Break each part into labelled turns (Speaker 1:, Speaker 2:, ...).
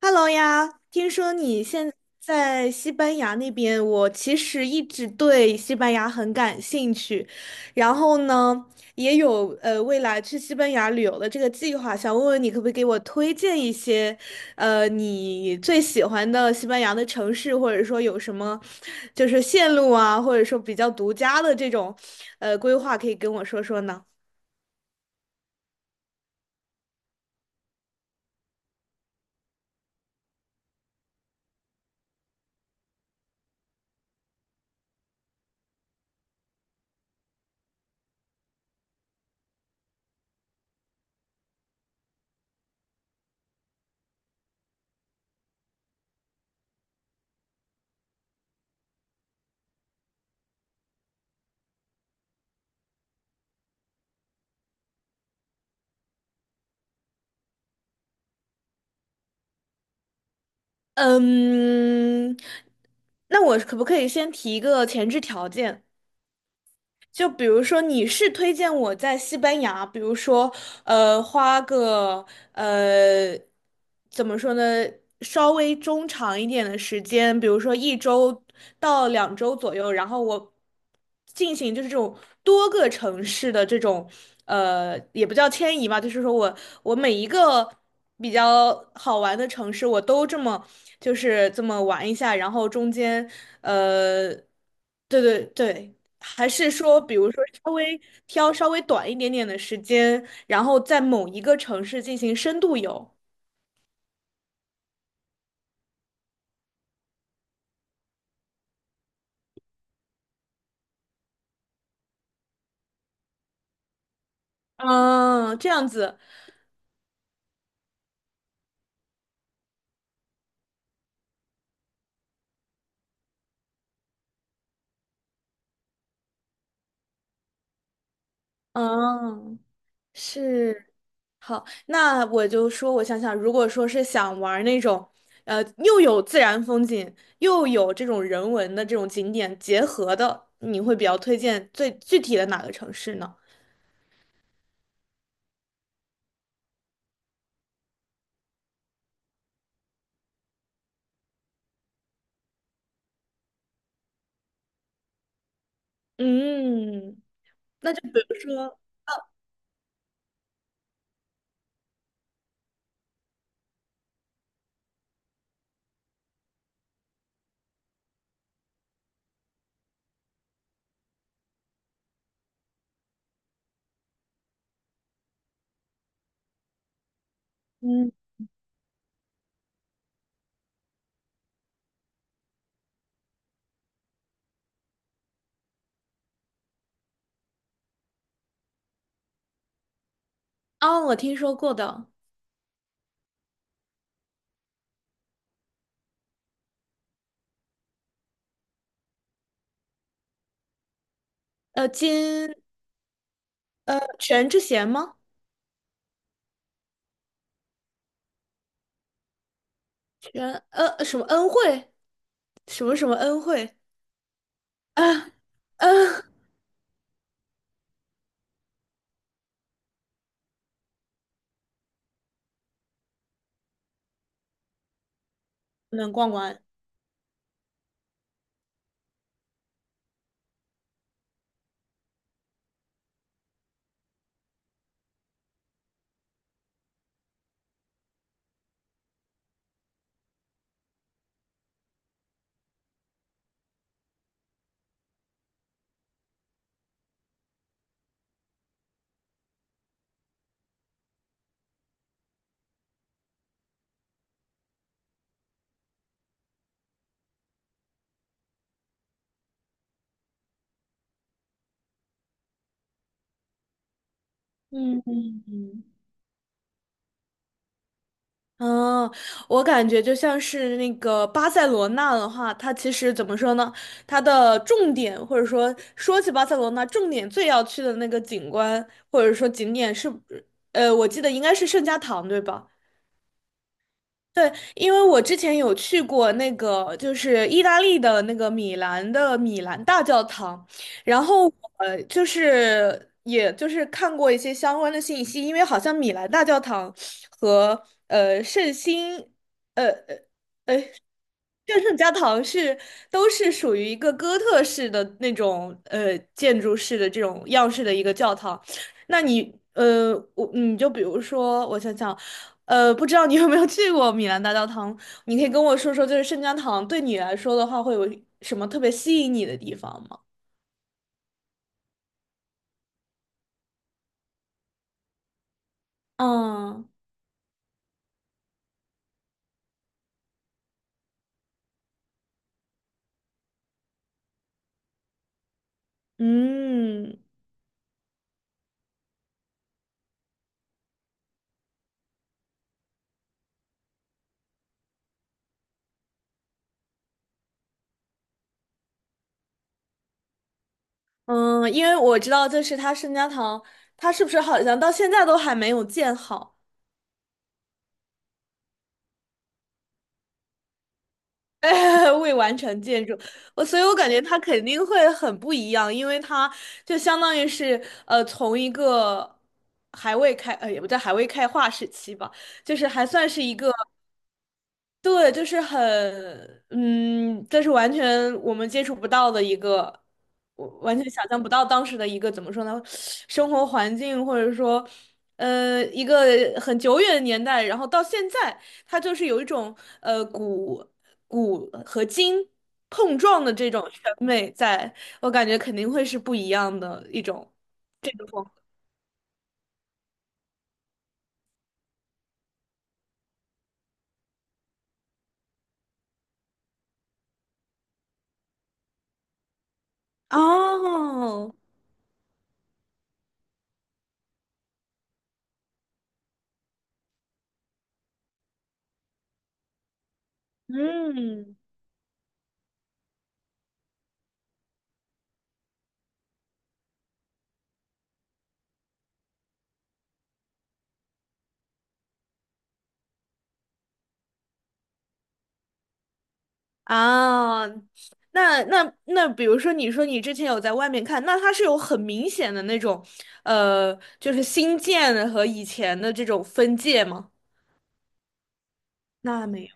Speaker 1: Hello 呀，听说你现在西班牙那边，我其实一直对西班牙很感兴趣，然后呢，也有未来去西班牙旅游的这个计划，想问问你可不可以给我推荐一些，呃，你最喜欢的西班牙的城市，或者说有什么就是线路啊，或者说比较独家的这种规划，可以跟我说说呢？嗯，那我可不可以先提一个前置条件？就比如说，你是推荐我在西班牙，比如说，呃，花个呃，怎么说呢，稍微中长一点的时间，比如说一周到两周左右，然后我进行就是这种多个城市的这种，呃，也不叫迁移吧，就是说我每一个比较好玩的城市，我都这么就是这么玩一下，然后中间，呃，对对对。还是说，比如说稍微挑短一点点的时间，然后在某一个城市进行深度游？嗯，这样子，嗯，是，好，那我就说，我想想，如果说是想玩儿那种，呃，又有自然风景，又有这种人文的这种景点结合的，你会比较推荐最具体的哪个城市呢？嗯，那就比如说，嗯，啊，我听说过的，呃，金全智贤吗？全什么恩惠？什么恩惠？啊，嗯，能逛完。嗯嗯嗯，嗯，我感觉就像是那个巴塞罗那的话，它其实怎么说呢？它的重点或者说说起巴塞罗那，重点最要去的那个景观或者说景点是，呃，我记得应该是圣家堂，对吧？对，因为我之前有去过那个，就是意大利的那个米兰的米兰大教堂，然后就是也就是看过一些相关的信息，因为好像米兰大教堂和圣心，呃呃，哎，圣家堂是都是属于一个哥特式的那种建筑式的这种样式的一个教堂。那你你就比如说，我想想，呃，不知道你有没有去过米兰大教堂？你可以跟我说说，就是圣家堂对你来说的话，会有什么特别吸引你的地方吗？嗯嗯嗯，因为我知道，就是它圣家堂，它是不是好像到现在都还没有建好？未完成建筑，我所以，我感觉它肯定会很不一样，因为它就相当于是从一个还未开也不叫还未开化时期吧，就是还算是一个对，就是很，嗯，这是完全我们接触不到的一个，我完全想象不到当时的一个怎么说呢，生活环境或者说，呃，一个很久远的年代，然后到现在，它就是有一种呃古古和今碰撞的这种审美在，我感觉肯定会是不一样的一种这个风格。哦，嗯。啊，那，比如说，你说你之前有在外面看，那它是有很明显的那种，呃，就是新建的和以前的这种分界吗？那没有，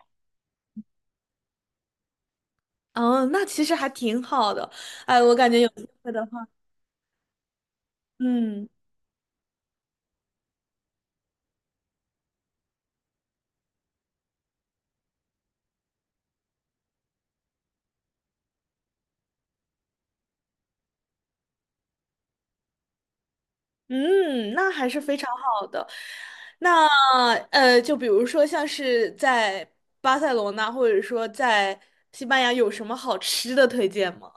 Speaker 1: 嗯，那其实还挺好的。哎，我感觉有机会的话，嗯嗯，那还是非常好的。那就比如说像是在巴塞罗那，或者说在西班牙，有什么好吃的推荐吗？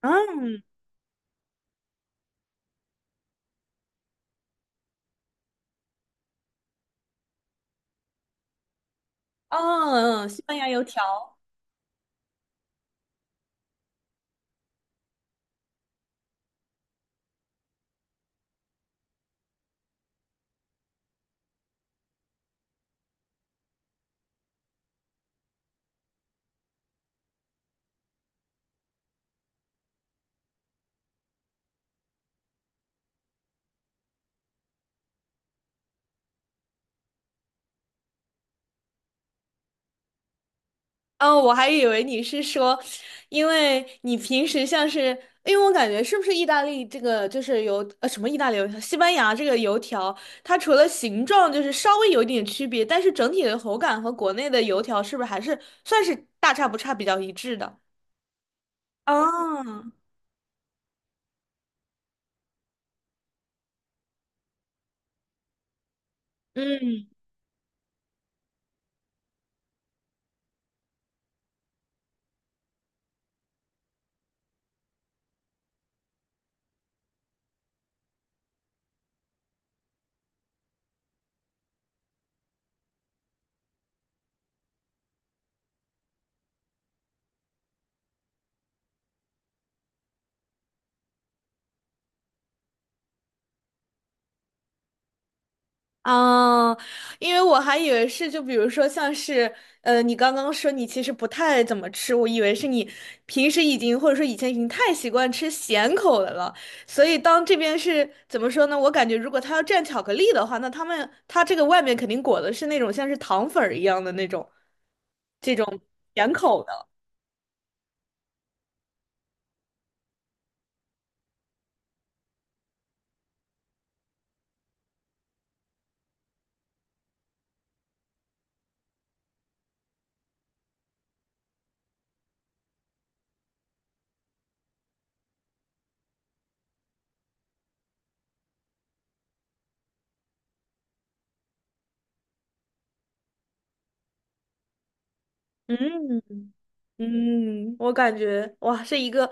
Speaker 1: 嗯，嗯嗯，西班牙油条。哦，我还以为你是说，因为你平时像是，因为我感觉是不是意大利这个就是油，呃，什么意大利油条，西班牙这个油条，它除了形状就是稍微有一点区别，但是整体的口感和国内的油条是不是还是算是大差不差，比较一致的？啊，嗯，啊，因为我还以为是，就比如说像是，呃，你刚刚说你其实不太怎么吃，我以为是你平时已经或者说以前已经太习惯吃咸口的了，所以当这边是怎么说呢？我感觉如果他要蘸巧克力的话，那他这个外面肯定裹的是那种像是糖粉儿一样的那种这种咸口的，嗯。嗯，我感觉哇，是一个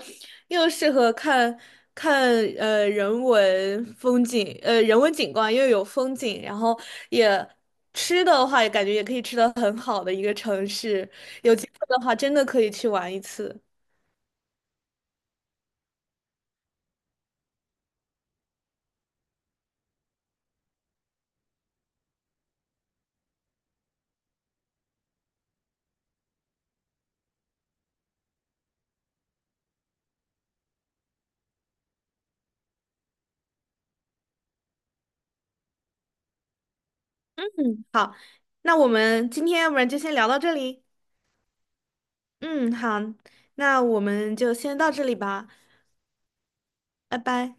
Speaker 1: 又适合看人文风景，人文景观又有风景，然后也吃的话，也感觉也可以吃的很好的一个城市。有机会的话，真的可以去玩一次。那我们今天要不然就先聊到这里。嗯，好，那我们就先到这里吧，拜拜。